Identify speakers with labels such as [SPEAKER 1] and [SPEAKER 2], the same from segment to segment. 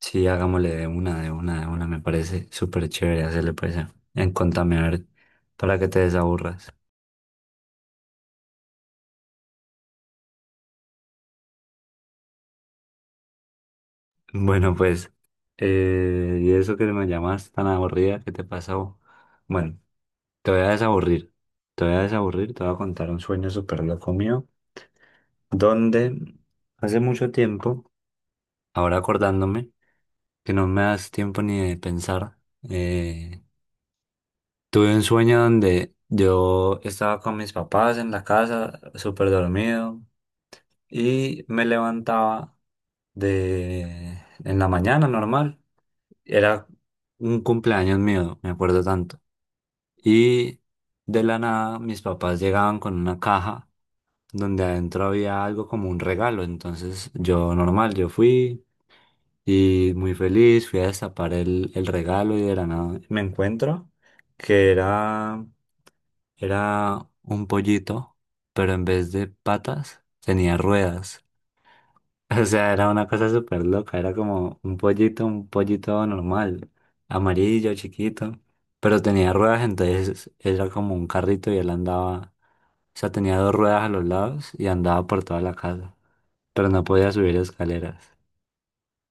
[SPEAKER 1] Sí, hagámosle de una. Me parece súper chévere hacerle pues en contame a ver para que te desaburras. Bueno, pues, y eso que me llamas tan aburrida, ¿qué te pasó? Bueno, te voy a desaburrir. Te voy a desaburrir, te voy a contar un sueño súper loco mío, donde hace mucho tiempo, ahora acordándome, que no me das tiempo ni de pensar, eh, tuve un sueño donde yo estaba con mis papás en la casa, súper dormido. Y me levantaba de en la mañana normal. Era un cumpleaños mío, me acuerdo tanto. Y de la nada mis papás llegaban con una caja donde adentro había algo como un regalo. Entonces yo normal, yo fui y muy feliz, fui a destapar el regalo y de la nada me encuentro que era, era un pollito, pero en vez de patas tenía ruedas. O sea, era una cosa súper loca, era como un pollito normal, amarillo, chiquito, pero tenía ruedas, entonces era como un carrito y él andaba, o sea, tenía dos ruedas a los lados y andaba por toda la casa, pero no podía subir escaleras.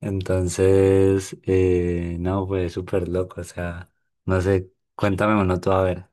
[SPEAKER 1] Entonces, no, fue súper loco, o sea, no sé, cuéntame uno tú a ver.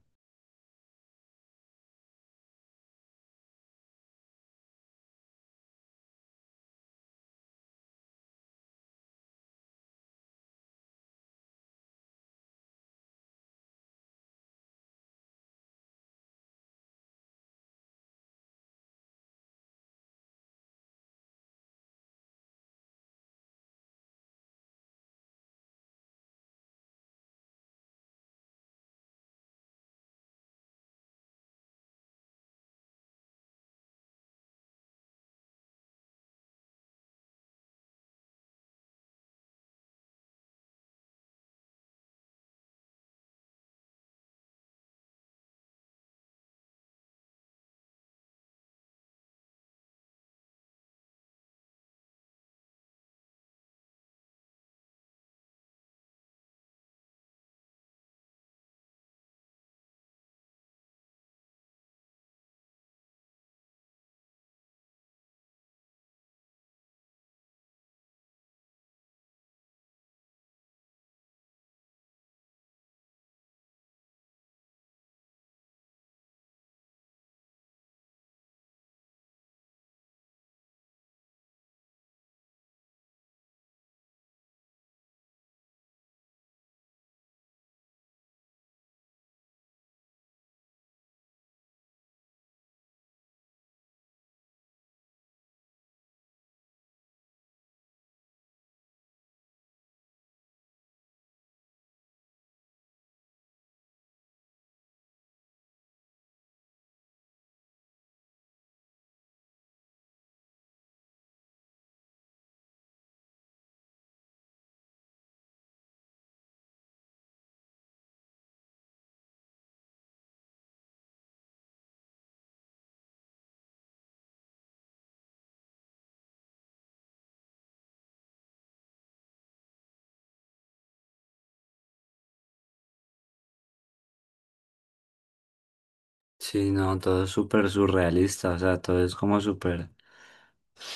[SPEAKER 1] Sí, no, todo es súper surrealista, o sea, todo es como súper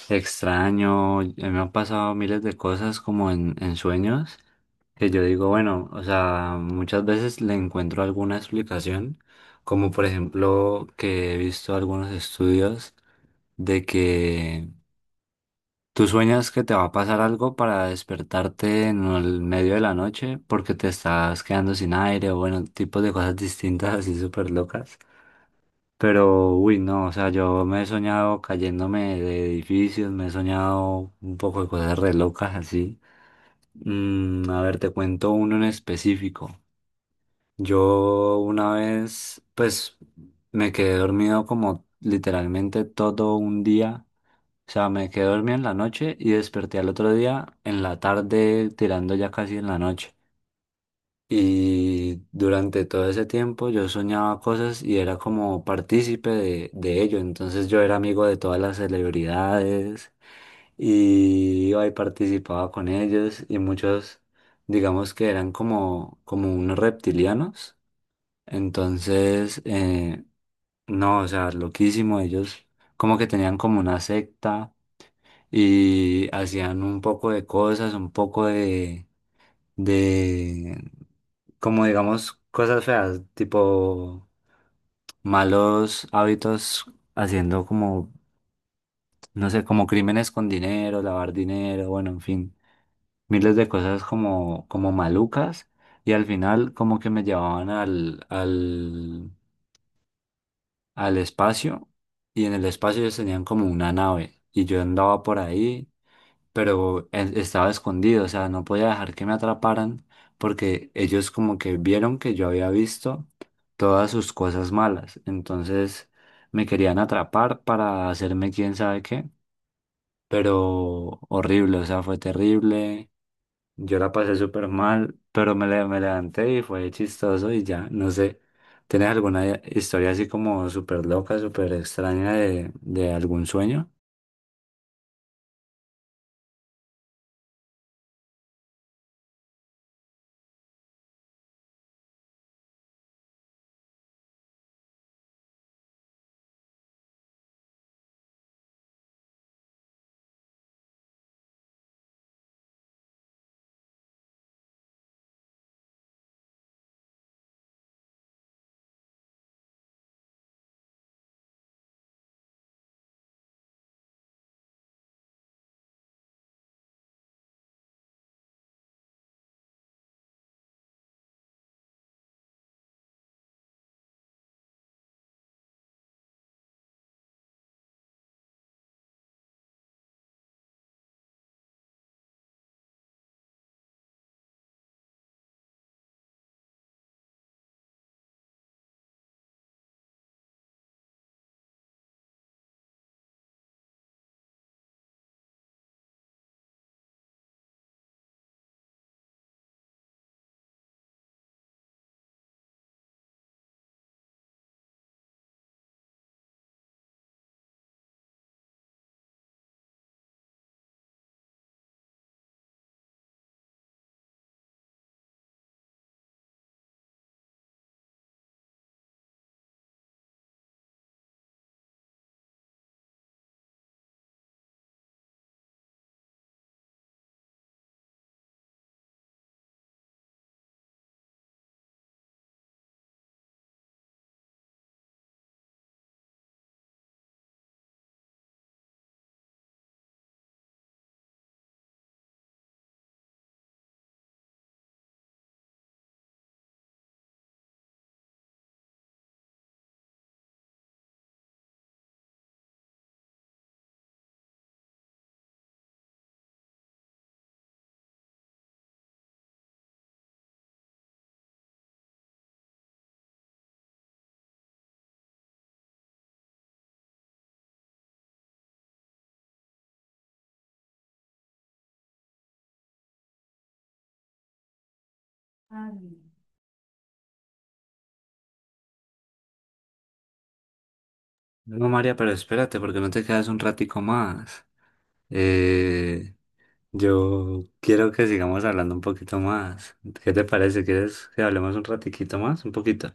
[SPEAKER 1] extraño, me han pasado miles de cosas como en sueños, que yo digo, bueno, o sea, muchas veces le encuentro alguna explicación, como por ejemplo que he visto algunos estudios de que tú sueñas que te va a pasar algo para despertarte en el medio de la noche porque te estás quedando sin aire o bueno, tipos de cosas distintas así súper locas. Pero, uy, no, o sea, yo me he soñado cayéndome de edificios, me he soñado un poco de cosas re locas así. Mm, a ver, te cuento uno en específico. Yo una vez, pues, me quedé dormido como literalmente todo un día. O sea, me quedé dormido en la noche y desperté al otro día en la tarde, tirando ya casi en la noche. Y durante todo ese tiempo yo soñaba cosas y era como partícipe de ello. Entonces yo era amigo de todas las celebridades y iba y participaba con ellos y muchos, digamos que eran como unos reptilianos. Entonces, no, o sea, loquísimo. Ellos como que tenían como una secta y hacían un poco de cosas, un poco de como digamos cosas feas, tipo malos hábitos haciendo como, no sé, como crímenes con dinero, lavar dinero, bueno, en fin, miles de cosas como, como malucas y al final como que me llevaban al espacio y en el espacio ellos tenían como una nave y yo andaba por ahí pero estaba escondido, o sea, no podía dejar que me atraparan porque ellos como que vieron que yo había visto todas sus cosas malas, entonces me querían atrapar para hacerme quién sabe qué, pero horrible, o sea, fue terrible, yo la pasé súper mal, pero me levanté y fue chistoso y ya, no sé. ¿Tienes alguna historia así como súper loca, súper extraña de algún sueño? No, María, pero espérate, porque no te quedas un ratico más. Eh, yo quiero que sigamos hablando un poquito más. ¿Qué te parece? ¿Quieres que hablemos un ratiquito más? Un poquito.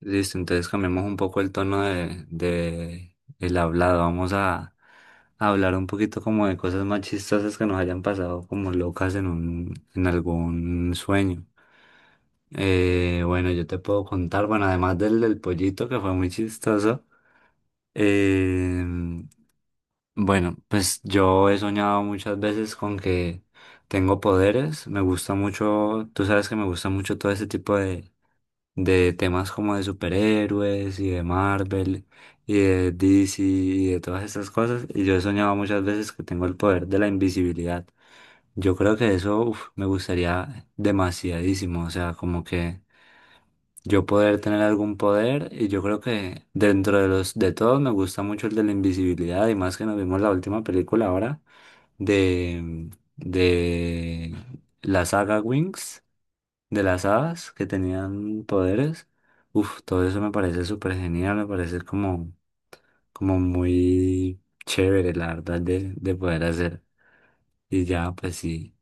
[SPEAKER 1] Listo, entonces cambiamos un poco el tono de el hablado. Vamos a hablar un poquito como de cosas más chistosas que nos hayan pasado como locas en un, en algún sueño. Bueno, yo te puedo contar, bueno, además del, del pollito que fue muy chistoso, eh, bueno, pues yo he soñado muchas veces con que tengo poderes. Me gusta mucho, tú sabes que me gusta mucho todo ese tipo de temas como de superhéroes y de Marvel y de DC y de todas estas cosas. Y yo he soñado muchas veces que tengo el poder de la invisibilidad. Yo creo que eso, uf, me gustaría demasiadísimo. O sea, como que yo poder tener algún poder, y yo creo que dentro de los de todos me gusta mucho el de la invisibilidad, y más que nos vimos la última película ahora de, de la saga Wings, de las hadas que tenían poderes. Uf, todo eso me parece súper genial, me parece como, como muy chévere, la verdad, de poder hacer. Y ya, pues sí,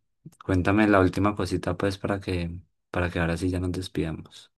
[SPEAKER 1] cuéntame la última cosita, pues, para que ahora sí ya nos despidamos.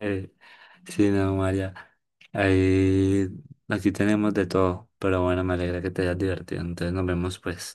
[SPEAKER 1] Eh, Sí, no, María. Ahí, aquí tenemos de todo, pero bueno, me alegra que te hayas divertido. Entonces nos vemos pues.